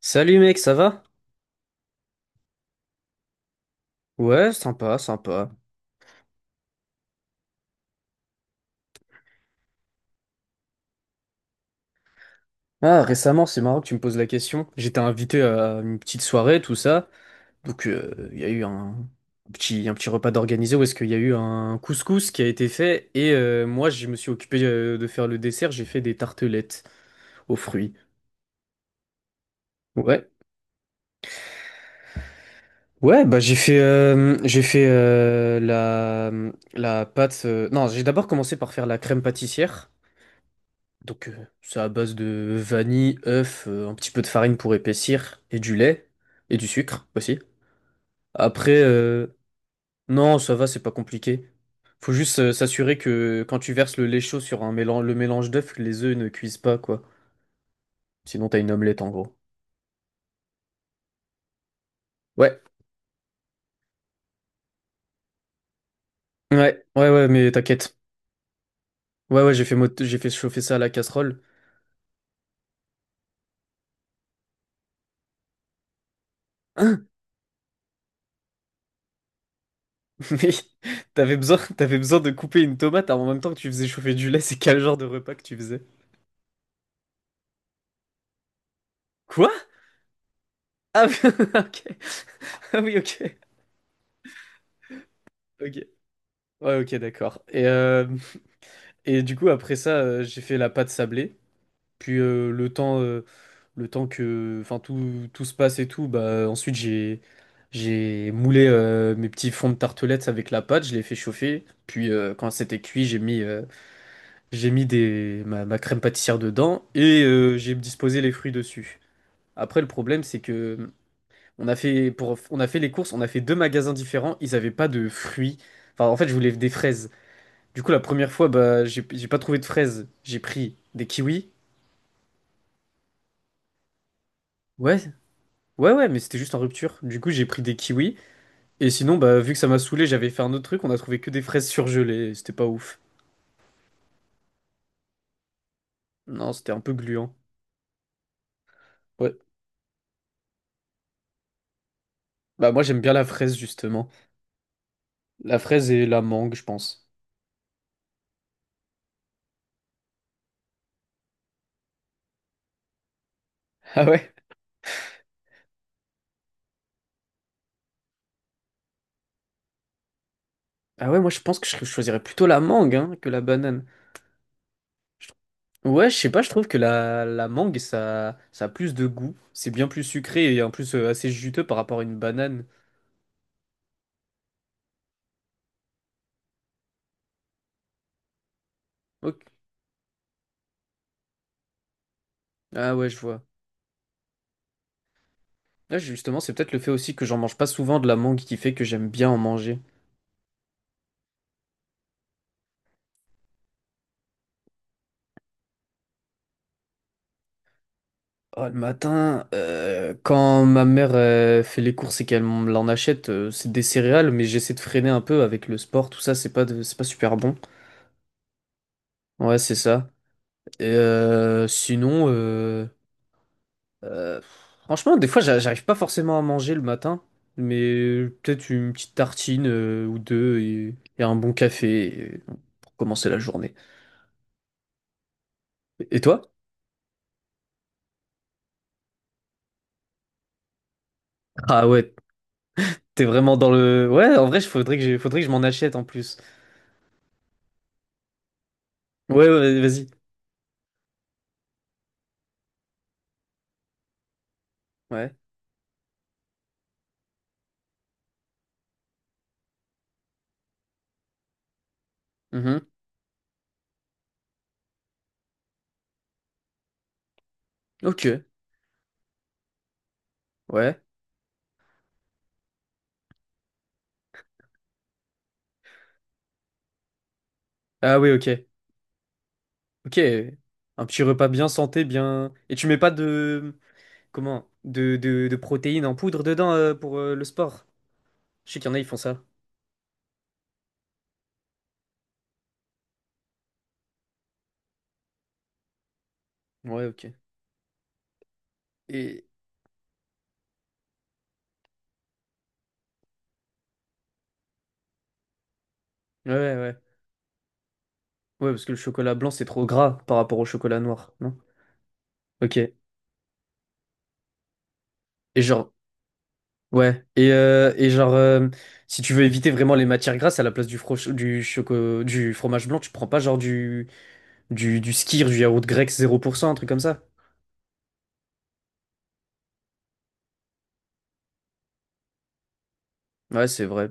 Salut mec, ça va? Ouais, sympa, sympa. Ah, récemment, c'est marrant que tu me poses la question. J'étais invité à une petite soirée, tout ça. Donc, il y a eu un petit repas d'organisé où est-ce qu'il y a eu un couscous qui a été fait. Et moi, je me suis occupé de faire le dessert. J'ai fait des tartelettes aux fruits. Ouais. Ouais, bah j'ai fait la pâte. Non, j'ai d'abord commencé par faire la crème pâtissière. Donc, c'est à base de vanille, œuf, un petit peu de farine pour épaissir, et du lait, et du sucre aussi. Après, non, ça va, c'est pas compliqué. Faut juste s'assurer que quand tu verses le lait chaud sur un mélange, le mélange d'œufs, que les œufs ne cuisent pas, quoi. Sinon, t'as une omelette, en gros. Ouais, ouais, ouais, ouais, mais t'inquiète. Ouais, ouais, j'ai fait chauffer ça à la casserole. Hein? Mais t'avais besoin de couper une tomate en même temps que tu faisais chauffer du lait, c'est quel genre de repas que tu faisais? Quoi? Ah oui, OK. Ah oui, OK. OK. Ouais, OK, d'accord. Et du coup, après ça, j'ai fait la pâte sablée. Puis le temps que, enfin, tout se passe et tout, bah ensuite j'ai moulé mes petits fonds de tartelettes avec la pâte. Je l'ai fait chauffer. Puis quand c'était cuit, j'ai mis ma crème pâtissière dedans et j'ai disposé les fruits dessus. Après, le problème, c'est que On a fait pour, on a fait les courses, on a fait deux magasins différents, ils avaient pas de fruits. Enfin, en fait, je voulais des fraises. Du coup, la première fois, bah, j'ai pas trouvé de fraises. J'ai pris des kiwis. Ouais, ouais, ouais, mais c'était juste en rupture. Du coup, j'ai pris des kiwis. Et sinon, bah, vu que ça m'a saoulé, j'avais fait un autre truc. On a trouvé que des fraises surgelées. C'était pas ouf. Non, c'était un peu gluant. Ouais. Bah, moi, j'aime bien la fraise, justement. La fraise et la mangue, je pense. Ah ouais? Ah ouais, moi, je pense que je choisirais plutôt la mangue, hein, que la banane. Ouais, je sais pas, je trouve que la mangue, ça a plus de goût. C'est bien plus sucré et en plus assez juteux par rapport à une banane. Ok. Ah ouais, je vois. Là, justement, c'est peut-être le fait aussi que j'en mange pas souvent de la mangue qui fait que j'aime bien en manger. Oh, le matin, quand ma mère fait les courses et qu'elle m'en achète, c'est des céréales, mais j'essaie de freiner un peu avec le sport, tout ça, c'est pas super bon. Ouais, c'est ça. Et sinon, Euh, franchement, des fois, j'arrive pas forcément à manger le matin, mais peut-être une petite tartine ou deux et un bon café pour commencer la journée. Et toi? Ah ouais, t'es vraiment dans le... Ouais, en vrai, il faudrait que je m'en achète en plus. Ouais, ouais, vas-y. Ouais. Mhm. Ok. Ouais. Ah oui, ok. Ok. Un petit repas bien santé, bien... Et tu mets pas de... Comment? De protéines en poudre dedans pour le sport? Je sais qu'il y en a, ils font ça. Ouais, ok. Et... Ouais, ouais, ouais. Ouais, parce que le chocolat blanc, c'est trop gras par rapport au chocolat noir, non? Ok. Et genre, et genre, si tu veux éviter vraiment les matières grasses, à la place du fromage blanc, tu prends pas genre du skyr, du yaourt grec 0%, un truc comme ça. Ouais, c'est vrai.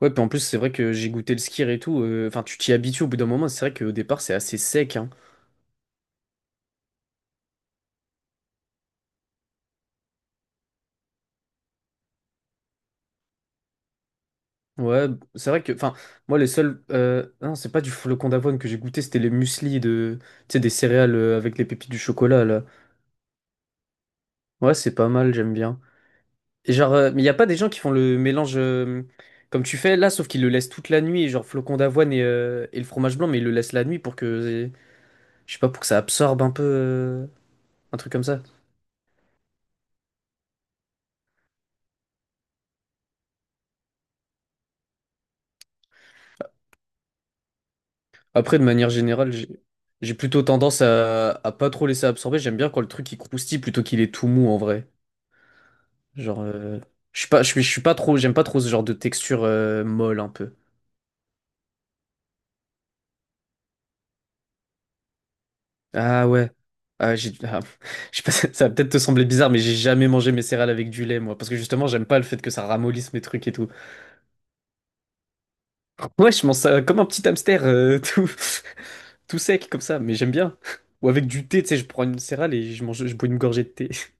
Ouais, puis en plus, c'est vrai que j'ai goûté le skyr et tout. Enfin, tu t'y habitues au bout d'un moment. C'est vrai qu'au départ, c'est assez sec, hein. Ouais, c'est vrai que. Enfin, moi, les seuls. Non, c'est pas du flocon d'avoine que j'ai goûté, c'était les muesli de. Tu sais, des céréales avec les pépites du chocolat, là. Ouais, c'est pas mal, j'aime bien. Et genre, mais y a pas des gens qui font le mélange comme tu fais là, sauf qu'ils le laissent toute la nuit, et genre flocon d'avoine et le fromage blanc, mais ils le laissent la nuit pour que, je sais pas, pour que ça absorbe un peu, un truc comme ça. Après, de manière générale, j'ai plutôt tendance à pas trop laisser absorber. J'aime bien quand le truc il croustille plutôt qu'il est tout mou en vrai. Genre, je suis pas trop, j'aime pas trop ce genre de texture molle un peu. Ah ouais. Ah, j'ai... ah, je sais pas, ça va peut-être te sembler bizarre, mais j'ai jamais mangé mes céréales avec du lait, moi. Parce que justement, j'aime pas le fait que ça ramollisse mes trucs et tout. Ouais, je mange ça comme un petit hamster, tout sec comme ça, mais j'aime bien. Ou avec du thé, tu sais, je prends une céréale et je bois une gorgée de thé.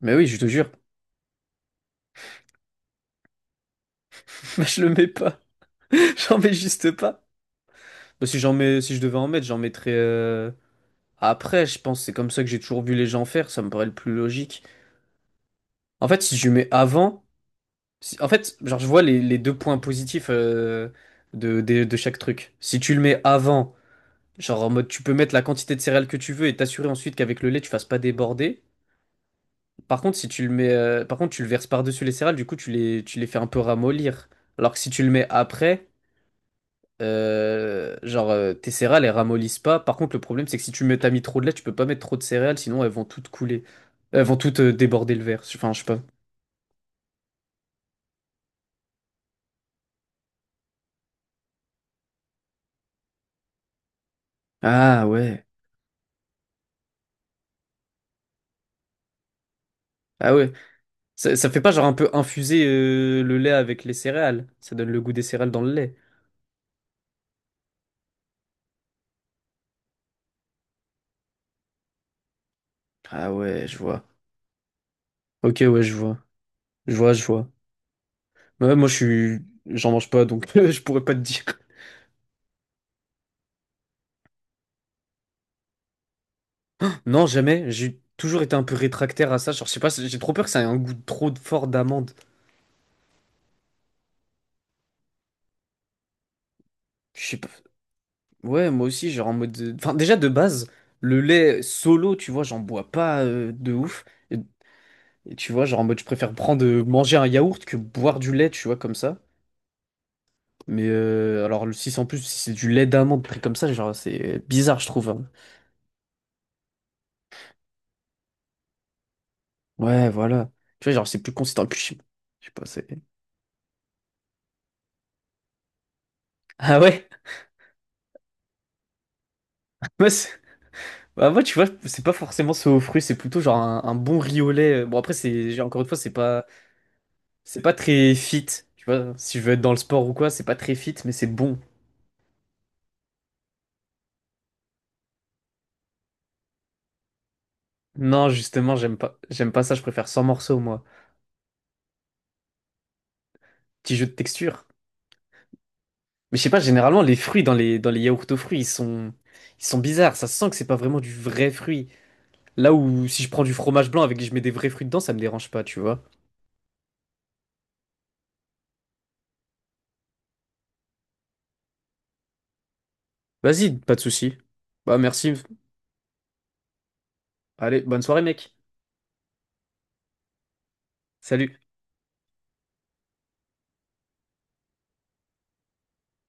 Mais oui, je te jure, je le mets pas. J'en mets juste pas. Bah, si j'en mets, si je devais en mettre, j'en mettrais. Après, je pense, c'est comme ça que j'ai toujours vu les gens faire, ça me paraît le plus logique. En fait, si je mets avant. En fait, genre, je vois les deux points positifs de chaque truc. Si tu le mets avant, genre en mode tu peux mettre la quantité de céréales que tu veux et t'assurer ensuite qu'avec le lait tu fasses pas déborder. Par contre, si tu le mets, par contre, tu le verses par-dessus les céréales, du coup tu les fais un peu ramollir. Alors que si tu le mets après, tes céréales elles ramollissent pas. Par contre, le problème c'est que si t'as mis trop de lait, tu peux pas mettre trop de céréales, sinon elles vont toutes couler. Elles vont toutes déborder le verre. Enfin, je sais pas. Ah ouais. Ah ouais. Ça fait pas genre un peu infuser le lait avec les céréales. Ça donne le goût des céréales dans le lait. Ah ouais, je vois. Ok, ouais, je vois. Je vois, je vois. Ouais, moi, je suis... J'en mange pas, donc je pourrais pas te dire. Non, jamais. J'ai toujours été un peu rétractaire à ça. Genre, je sais pas, j'ai trop peur que ça ait un goût trop fort d'amande. Je sais pas. Ouais, moi aussi, genre en mode... Enfin, déjà, de base, le lait solo, tu vois, j'en bois pas de ouf. Et, et tu vois, genre en mode, je préfère prendre... manger un yaourt que boire du lait, tu vois, comme ça. Mais alors, le six en plus, si c'est du lait d'amande pris comme ça, genre, c'est bizarre, je trouve, hein. Ouais, voilà. Tu vois, genre, c'est plus consistant. Et puis, je sais pas, c'est. Ah ouais? Moi, c'est- bah, moi, tu vois, c'est pas forcément ce aux fruits, c'est plutôt genre un bon riz au lait. Bon, après, encore une fois, c'est pas très fit. Tu vois, si je veux être dans le sport ou quoi, c'est pas très fit, mais c'est bon. Non, justement, j'aime pas ça, je préfère sans morceaux, moi. Petit jeu de texture. Mais je sais pas, généralement, les fruits dans les yaourts aux fruits, ils sont bizarres. Ça sent que c'est pas vraiment du vrai fruit. Là où si je prends du fromage blanc avec et je mets des vrais fruits dedans, ça me dérange pas, tu vois. Vas-y, pas de souci. Bah merci. Allez, bonne soirée mec. Salut.